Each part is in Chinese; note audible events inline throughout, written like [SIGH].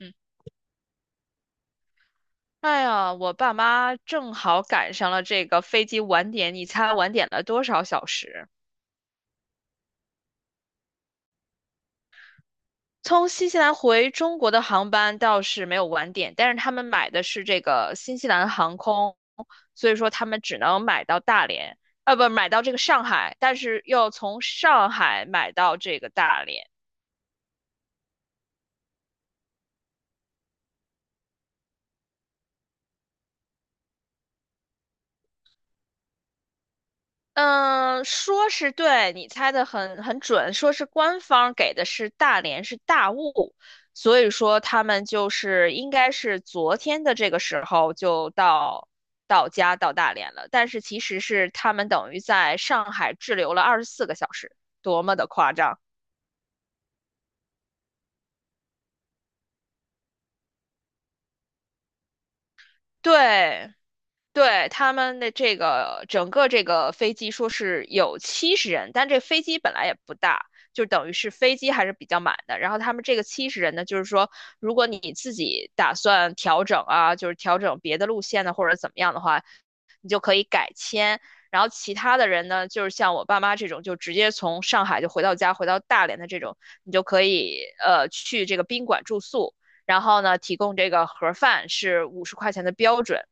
嗯，哎呀，我爸妈正好赶上了这个飞机晚点，你猜晚点了多少小时？从新西兰回中国的航班倒是没有晚点，但是他们买的是这个新西兰航空，所以说他们只能买到大连，啊，不，买到这个上海，但是又从上海买到这个大连。嗯，说是对，你猜的很准，说是官方给的是大连是大雾，所以说他们就是应该是昨天的这个时候就到家到大连了，但是其实是他们等于在上海滞留了二十四个小时，多么的夸张！对，对，他们的这个整个这个飞机说是有七十人，但这飞机本来也不大，就等于是飞机还是比较满的。然后他们这个七十人呢，就是说，如果你自己打算调整啊，就是调整别的路线呢，或者怎么样的话，你就可以改签。然后其他的人呢，就是像我爸妈这种，就直接从上海就回到家，回到大连的这种，你就可以去这个宾馆住宿。然后呢，提供这个盒饭是50块钱的标准，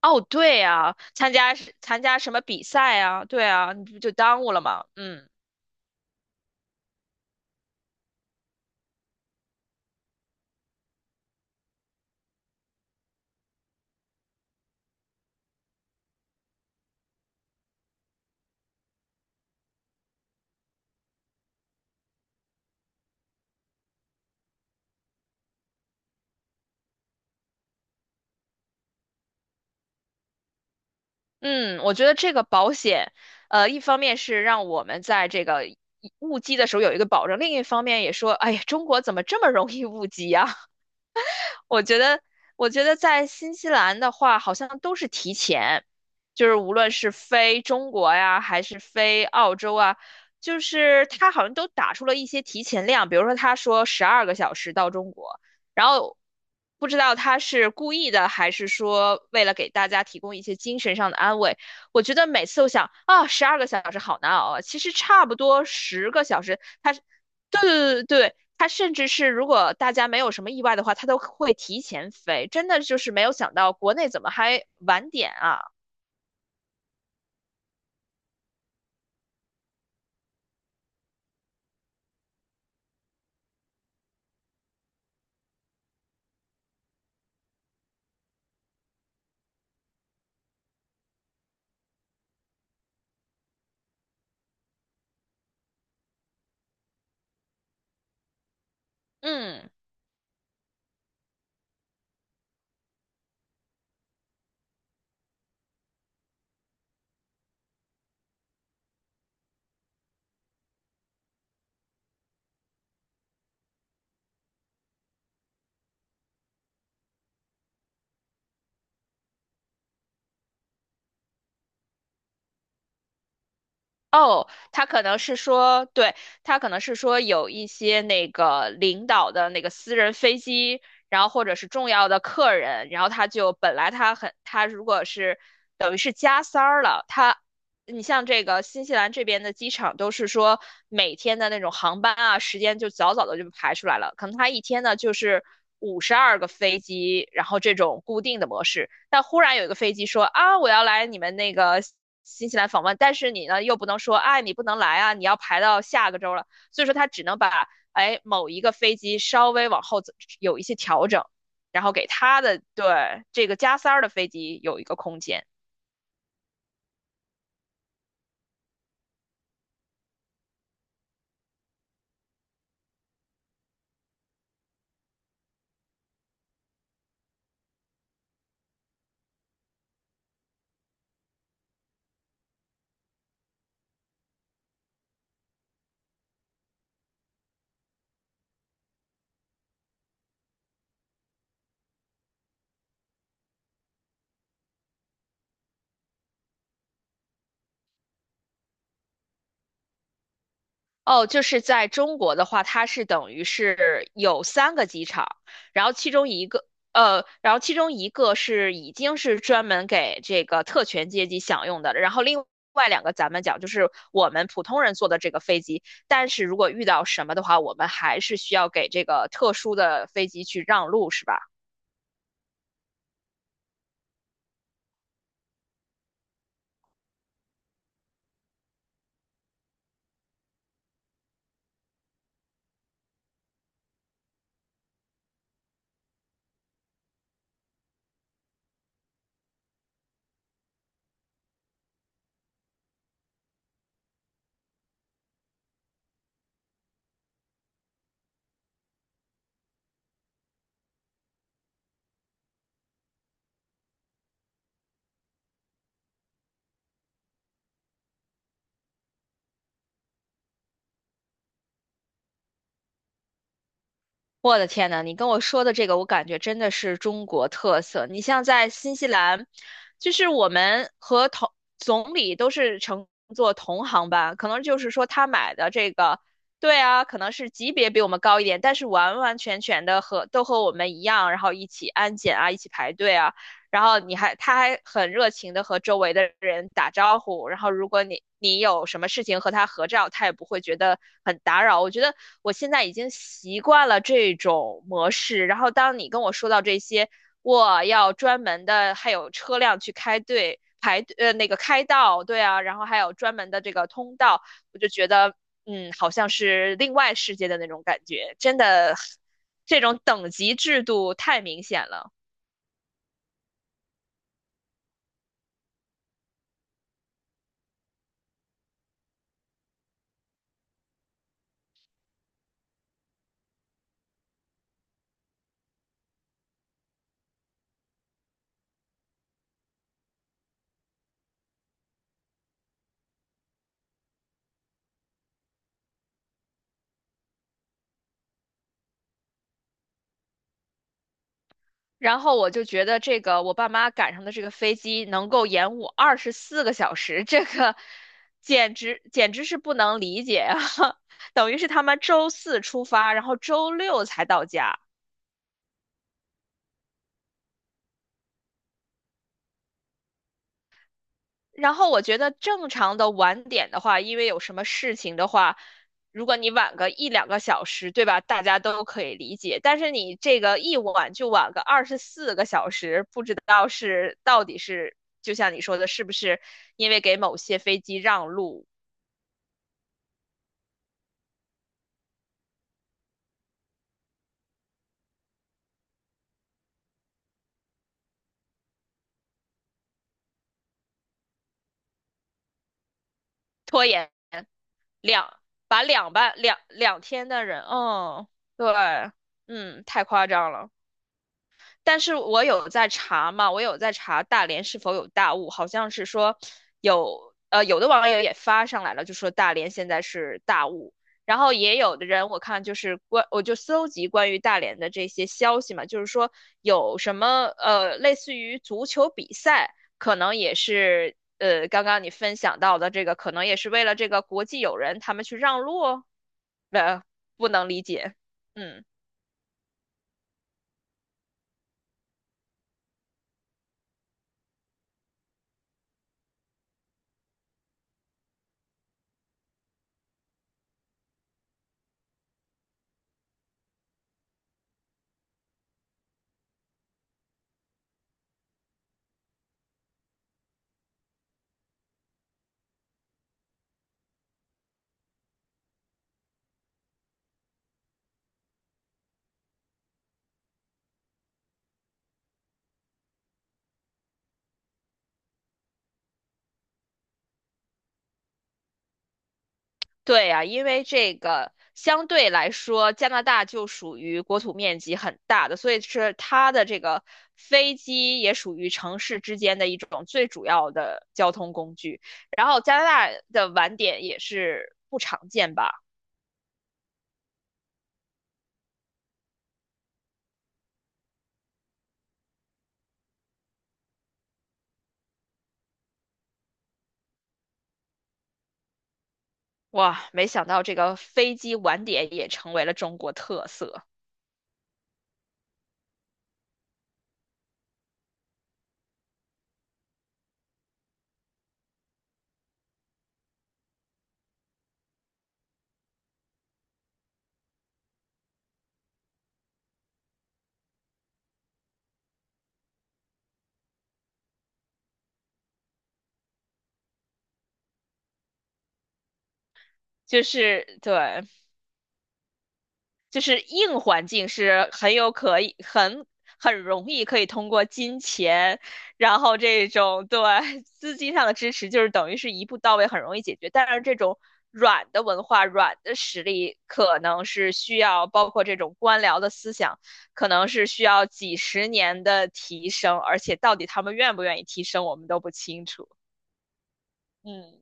哦，对啊，参加什么比赛啊？对啊，你不就耽误了吗？嗯。嗯，我觉得这个保险，一方面是让我们在这个误机的时候有一个保证，另一方面也说，哎呀，中国怎么这么容易误机啊。我觉得，我觉得在新西兰的话，好像都是提前，就是无论是飞中国呀，还是飞澳洲啊，就是他好像都打出了一些提前量，比如说他说十二个小时到中国，然后不知道他是故意的，还是说为了给大家提供一些精神上的安慰。我觉得每次都想啊，十二个小时好难熬啊，其实差不多10个小时，他对对对对，它甚至是如果大家没有什么意外的话，它都会提前飞。真的就是没有想到国内怎么还晚点啊？嗯。哦，他可能是说，对，他可能是说有一些那个领导的那个私人飞机，然后或者是重要的客人，然后他就本来他很他如果是等于是加塞儿了，他你像这个新西兰这边的机场都是说每天的那种航班啊时间就早早的就排出来了，可能他一天呢就是52个飞机，然后这种固定的模式，但忽然有一个飞机说啊我要来你们那个。新西兰访问，但是你呢又不能说，哎，你不能来啊，你要排到下个周了，所以说他只能把哎某一个飞机稍微往后走有一些调整，然后给他的对这个加塞儿的飞机有一个空间。哦，就是在中国的话，它是等于是有3个机场，然后其中一个，然后其中一个是已经是专门给这个特权阶级享用的了，然后另外两个咱们讲就是我们普通人坐的这个飞机，但是如果遇到什么的话，我们还是需要给这个特殊的飞机去让路，是吧？我的天呐，你跟我说的这个，我感觉真的是中国特色。你像在新西兰，就是我们和同总理都是乘坐同航班，可能就是说他买的这个，对啊，可能是级别比我们高一点，但是完完全全的和都和我们一样，然后一起安检啊，一起排队啊，然后你还他还很热情的和周围的人打招呼，然后如果你有什么事情和他合照，他也不会觉得很打扰。我觉得我现在已经习惯了这种模式，然后当你跟我说到这些，我要专门的还有车辆去开队排那个开道，对啊，然后还有专门的这个通道，我就觉得嗯好像是另外世界的那种感觉，真的这种等级制度太明显了。然后我就觉得这个我爸妈赶上的这个飞机能够延误二十四个小时，这个简直是不能理解啊！[LAUGHS] 等于是他们周四出发，然后周六才到家。然后我觉得正常的晚点的话，因为有什么事情的话，如果你晚个一两个小时，对吧？大家都可以理解。但是你这个一晚就晚个二十四个小时，不知道是到底是就像你说的，是不是因为给某些飞机让路，拖延两把两半两两天的人，嗯，对，嗯，太夸张了。但是我有在查嘛，我有在查大连是否有大雾，好像是说有，有的网友也发上来了，就说大连现在是大雾，然后也有的人我看就是关，我就搜集关于大连的这些消息嘛，就是说有什么类似于足球比赛，可能也是刚刚你分享到的这个，可能也是为了这个国际友人他们去让路哦。呃，不能理解，嗯。对呀，因为这个相对来说，加拿大就属于国土面积很大的，所以是它的这个飞机也属于城市之间的一种最主要的交通工具。然后加拿大的晚点也是不常见吧？哇，没想到这个飞机晚点也成为了中国特色，就是对。就是硬环境是很有可以很容易可以通过金钱，然后这种对 [LAUGHS] 资金上的支持，就是等于是一步到位，很容易解决。但是这种软的文化、软的实力，可能是需要包括这种官僚的思想，可能是需要几十年的提升，而且到底他们愿不愿意提升，我们都不清楚。嗯，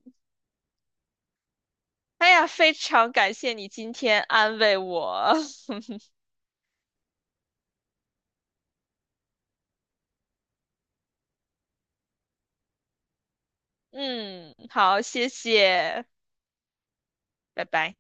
哎呀，非常感谢你今天安慰我。[LAUGHS] 嗯，好，谢谢。拜拜